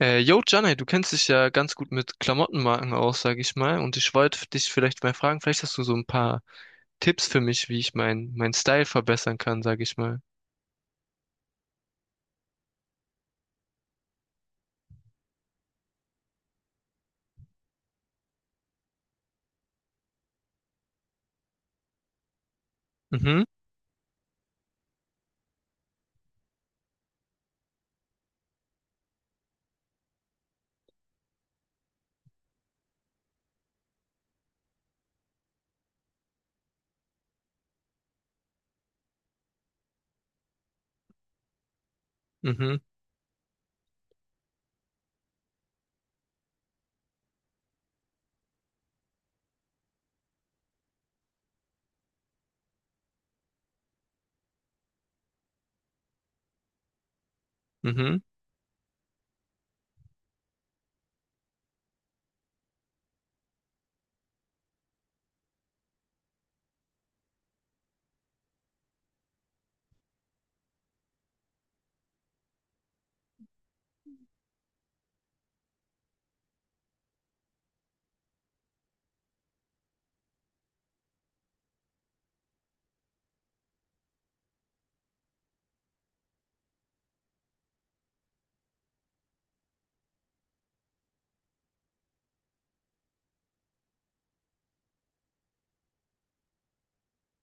Yo, Janne, du kennst dich ja ganz gut mit Klamottenmarken aus, sag ich mal. Und ich wollte dich vielleicht mal fragen, vielleicht hast du so ein paar Tipps für mich, wie ich mein Style verbessern kann, sag ich mal. Mhm, mhm, mhm.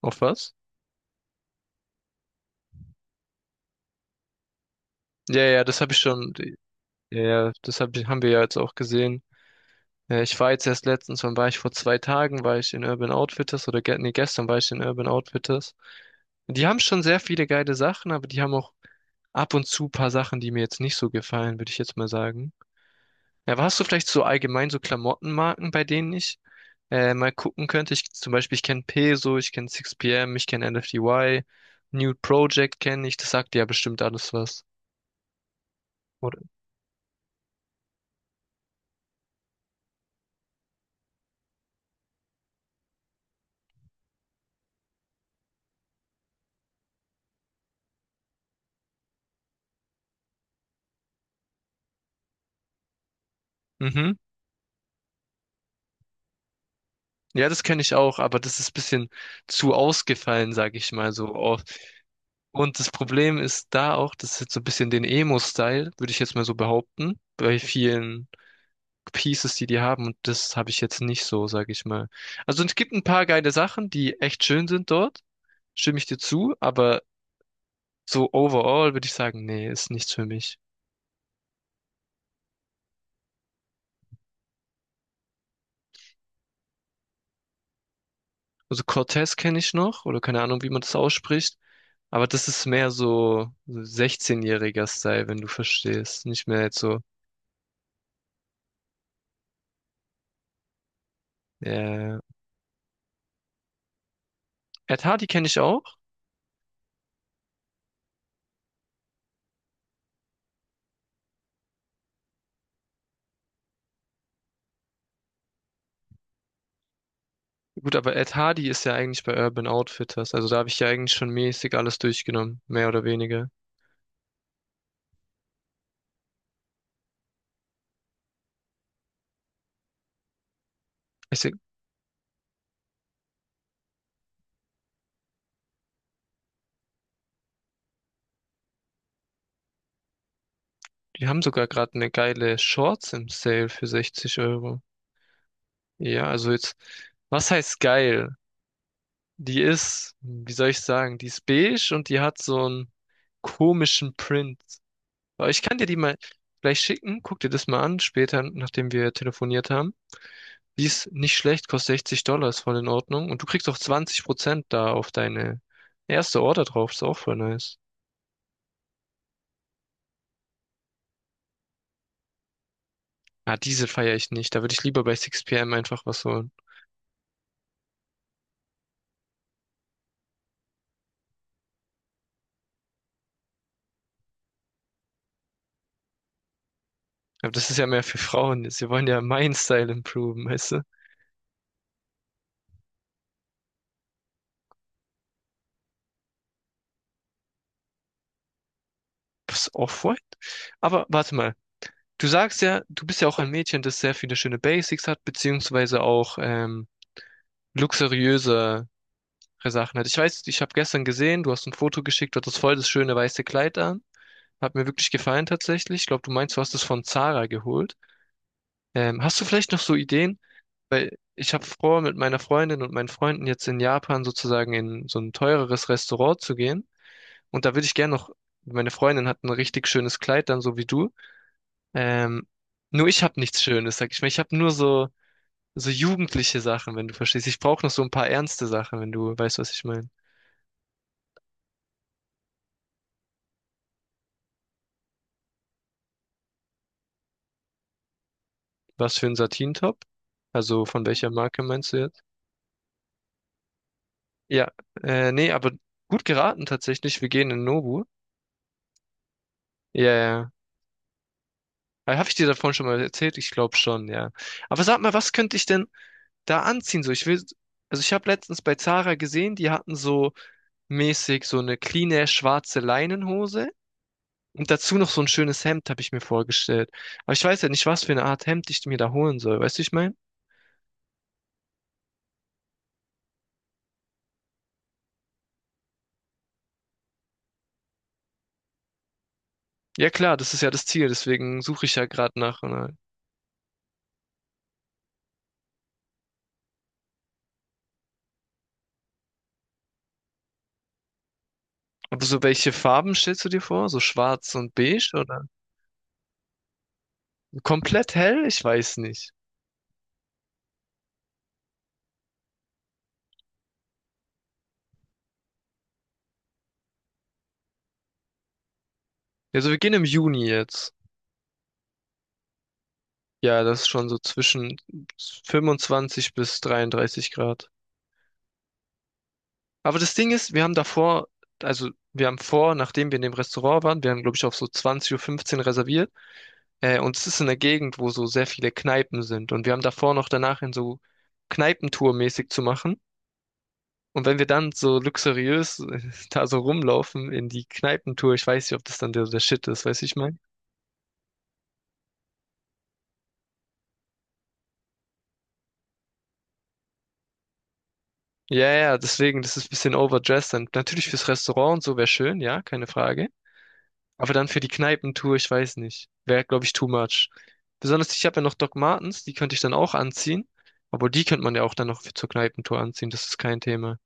Auf was? Ja, ja, das habe ich schon. Ja, ja, das haben wir ja jetzt auch gesehen. Ich war jetzt erst letztens, wann war ich? Vor 2 Tagen war ich in Urban Outfitters oder ge nee, gestern war ich in Urban Outfitters. Die haben schon sehr viele geile Sachen, aber die haben auch ab und zu paar Sachen, die mir jetzt nicht so gefallen, würde ich jetzt mal sagen. Ja, aber hast du vielleicht so allgemein so Klamottenmarken, bei denen ich mal gucken könnte? Ich, zum Beispiel, ich kenne Peso, ich kenne 6PM, ich kenne NFDY, Nude Project kenne ich, das sagt dir ja bestimmt alles was. Oder? Mhm. Ja, das kenne ich auch, aber das ist ein bisschen zu ausgefallen, sage ich mal so oft. Und das Problem ist da auch, das ist jetzt so ein bisschen den Emo-Style, würde ich jetzt mal so behaupten, bei vielen Pieces, die die haben. Und das habe ich jetzt nicht so, sage ich mal. Also es gibt ein paar geile Sachen, die echt schön sind dort. Stimme ich dir zu, aber so overall würde ich sagen, nee, ist nichts für mich. Also Cortez kenne ich noch, oder keine Ahnung, wie man das ausspricht, aber das ist mehr so 16-jähriger Style, wenn du verstehst. Nicht mehr jetzt so. Äh, Ed Hardy kenne ich auch. Gut, aber Ed Hardy ist ja eigentlich bei Urban Outfitters, also da habe ich ja eigentlich schon mäßig alles durchgenommen, mehr oder weniger. Ich seh, die haben sogar gerade eine geile Shorts im Sale für 60 Euro. Ja, also jetzt, was heißt geil? Die ist, wie soll ich sagen, die ist beige und die hat so einen komischen Print. Aber ich kann dir die mal gleich schicken. Guck dir das mal an, später, nachdem wir telefoniert haben. Die ist nicht schlecht, kostet 60 Dollar, ist voll in Ordnung. Und du kriegst auch 20% da auf deine erste Order drauf, ist auch voll nice. Ah, diese feiere ich nicht. Da würde ich lieber bei 6PM einfach was holen. Aber das ist ja mehr für Frauen. Sie wollen ja meinen Style improven, weißt du? Was Off-White? Aber warte mal. Du sagst ja, du bist ja auch ein Mädchen, das sehr viele schöne Basics hat, beziehungsweise auch luxuriöse Sachen hat. Ich weiß, ich habe gestern gesehen, du hast ein Foto geschickt, du hattest voll das schöne weiße Kleid an. Hat mir wirklich gefallen tatsächlich. Ich glaube, du meinst, du hast es von Zara geholt. Hast du vielleicht noch so Ideen? Weil ich habe vor, mit meiner Freundin und meinen Freunden jetzt in Japan sozusagen in so ein teureres Restaurant zu gehen. Und da würde ich gerne noch, meine Freundin hat ein richtig schönes Kleid dann, so wie du. Ähm, nur ich habe nichts Schönes, sag ich mal. Ich habe nur so so jugendliche Sachen, wenn du verstehst. Ich brauche noch so ein paar ernste Sachen, wenn du weißt, was ich meine. Was für ein Satin-Top? Also von welcher Marke meinst du jetzt? Ja, nee, aber gut geraten tatsächlich. Wir gehen in Nobu. Ja, ja. Habe ich dir davon schon mal erzählt? Ich glaube schon, ja. Aber sag mal, was könnte ich denn da anziehen? So, ich will, also ich habe letztens bei Zara gesehen, die hatten so mäßig so eine cleane schwarze Leinenhose und dazu noch so ein schönes Hemd, habe ich mir vorgestellt. Aber ich weiß ja nicht, was für eine Art Hemd ich mir da holen soll. Weißt du, ich meine? Ja klar, das ist ja das Ziel, deswegen suche ich ja gerade nach. Oder? Und so welche Farben stellst du dir vor? So schwarz und beige oder komplett hell? Ich weiß nicht. Also wir gehen im Juni jetzt. Ja, das ist schon so zwischen 25 bis 33 Grad. Aber das Ding ist, wir haben davor, also wir haben vor, nachdem wir in dem Restaurant waren, wir haben glaube ich auf so 20:15 Uhr fünfzehn reserviert. Und es ist in der Gegend, wo so sehr viele Kneipen sind. Und wir haben davor noch danach in so Kneipentour mäßig zu machen. Und wenn wir dann so luxuriös da so rumlaufen in die Kneipentour, ich weiß nicht, ob das dann der Shit ist, weißt du, ich meine? Ja, ja, deswegen, das ist ein bisschen overdressed. Dann natürlich fürs Restaurant und so wäre schön, ja, keine Frage. Aber dann für die Kneipentour, ich weiß nicht. Wäre, glaube ich, too much. Besonders, ich habe ja noch Doc Martens, die könnte ich dann auch anziehen. Obwohl, die könnte man ja auch dann noch für zur Kneipentour anziehen, das ist kein Thema.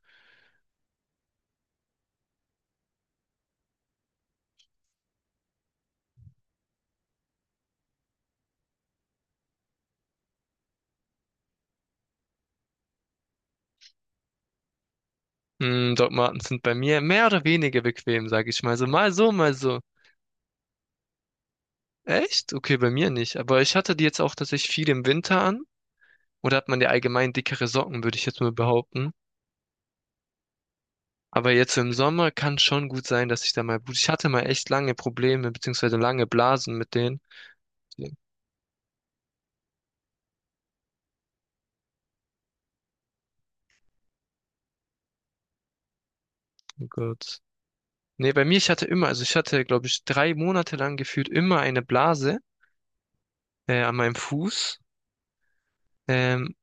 Doc Martens sind bei mir mehr oder weniger bequem, sage ich mal. So mal so, mal so. Echt? Okay, bei mir nicht. Aber ich hatte die jetzt auch tatsächlich viel im Winter an. Oder hat man ja allgemein dickere Socken, würde ich jetzt mal behaupten. Aber jetzt so im Sommer kann schon gut sein, dass ich da mal Blut. Ich hatte mal echt lange Probleme, beziehungsweise lange Blasen mit denen. Ja, oh Gott. Nee, bei mir, ich hatte immer, also ich hatte, glaube ich, 3 Monate lang gefühlt immer eine Blase an meinem Fuß. Ähm,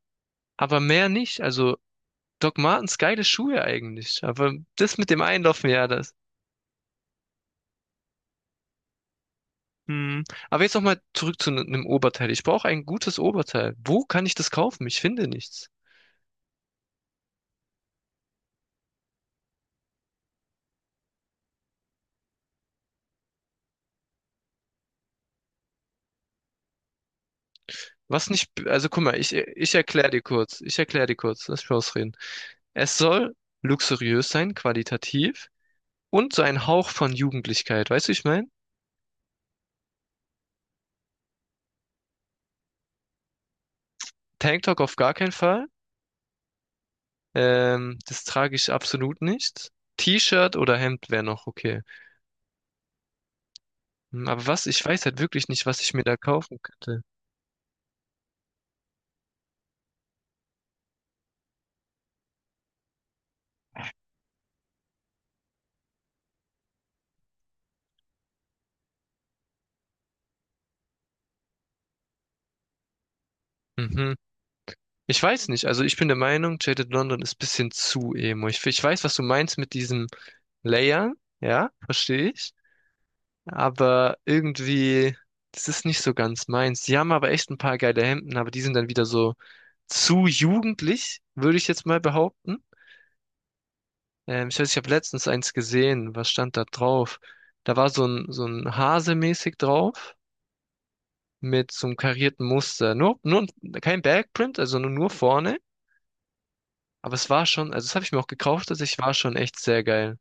aber mehr nicht. Also Doc Martens, geile Schuhe eigentlich. Aber das mit dem Einlaufen, ja, das. Hm. Aber jetzt nochmal zurück zu einem Oberteil. Ich brauche ein gutes Oberteil. Wo kann ich das kaufen? Ich finde nichts. Was nicht, also guck mal, ich erkläre dir kurz, ich erkläre dir kurz, lass mich ausreden. Es soll luxuriös sein, qualitativ und so ein Hauch von Jugendlichkeit, weißt du, wie ich meine? Tanktop auf gar keinen Fall, das trage ich absolut nicht. T-Shirt oder Hemd wäre noch okay. Hm, aber was, ich weiß halt wirklich nicht, was ich mir da kaufen könnte. Mhm. Ich weiß nicht, also ich bin der Meinung, Jaded London ist bisschen zu emo. Ich weiß, was du meinst mit diesem Layer, ja, verstehe ich. Aber irgendwie, das ist nicht so ganz meins. Die haben aber echt ein paar geile Hemden, aber die sind dann wieder so zu jugendlich, würde ich jetzt mal behaupten. Ich weiß, ich habe letztens eins gesehen. Was stand da drauf? Da war so ein Hase mäßig drauf mit so einem karierten Muster. Nur kein Backprint, also nur vorne. Aber es war schon, also das habe ich mir auch gekauft, also ich war schon echt sehr geil.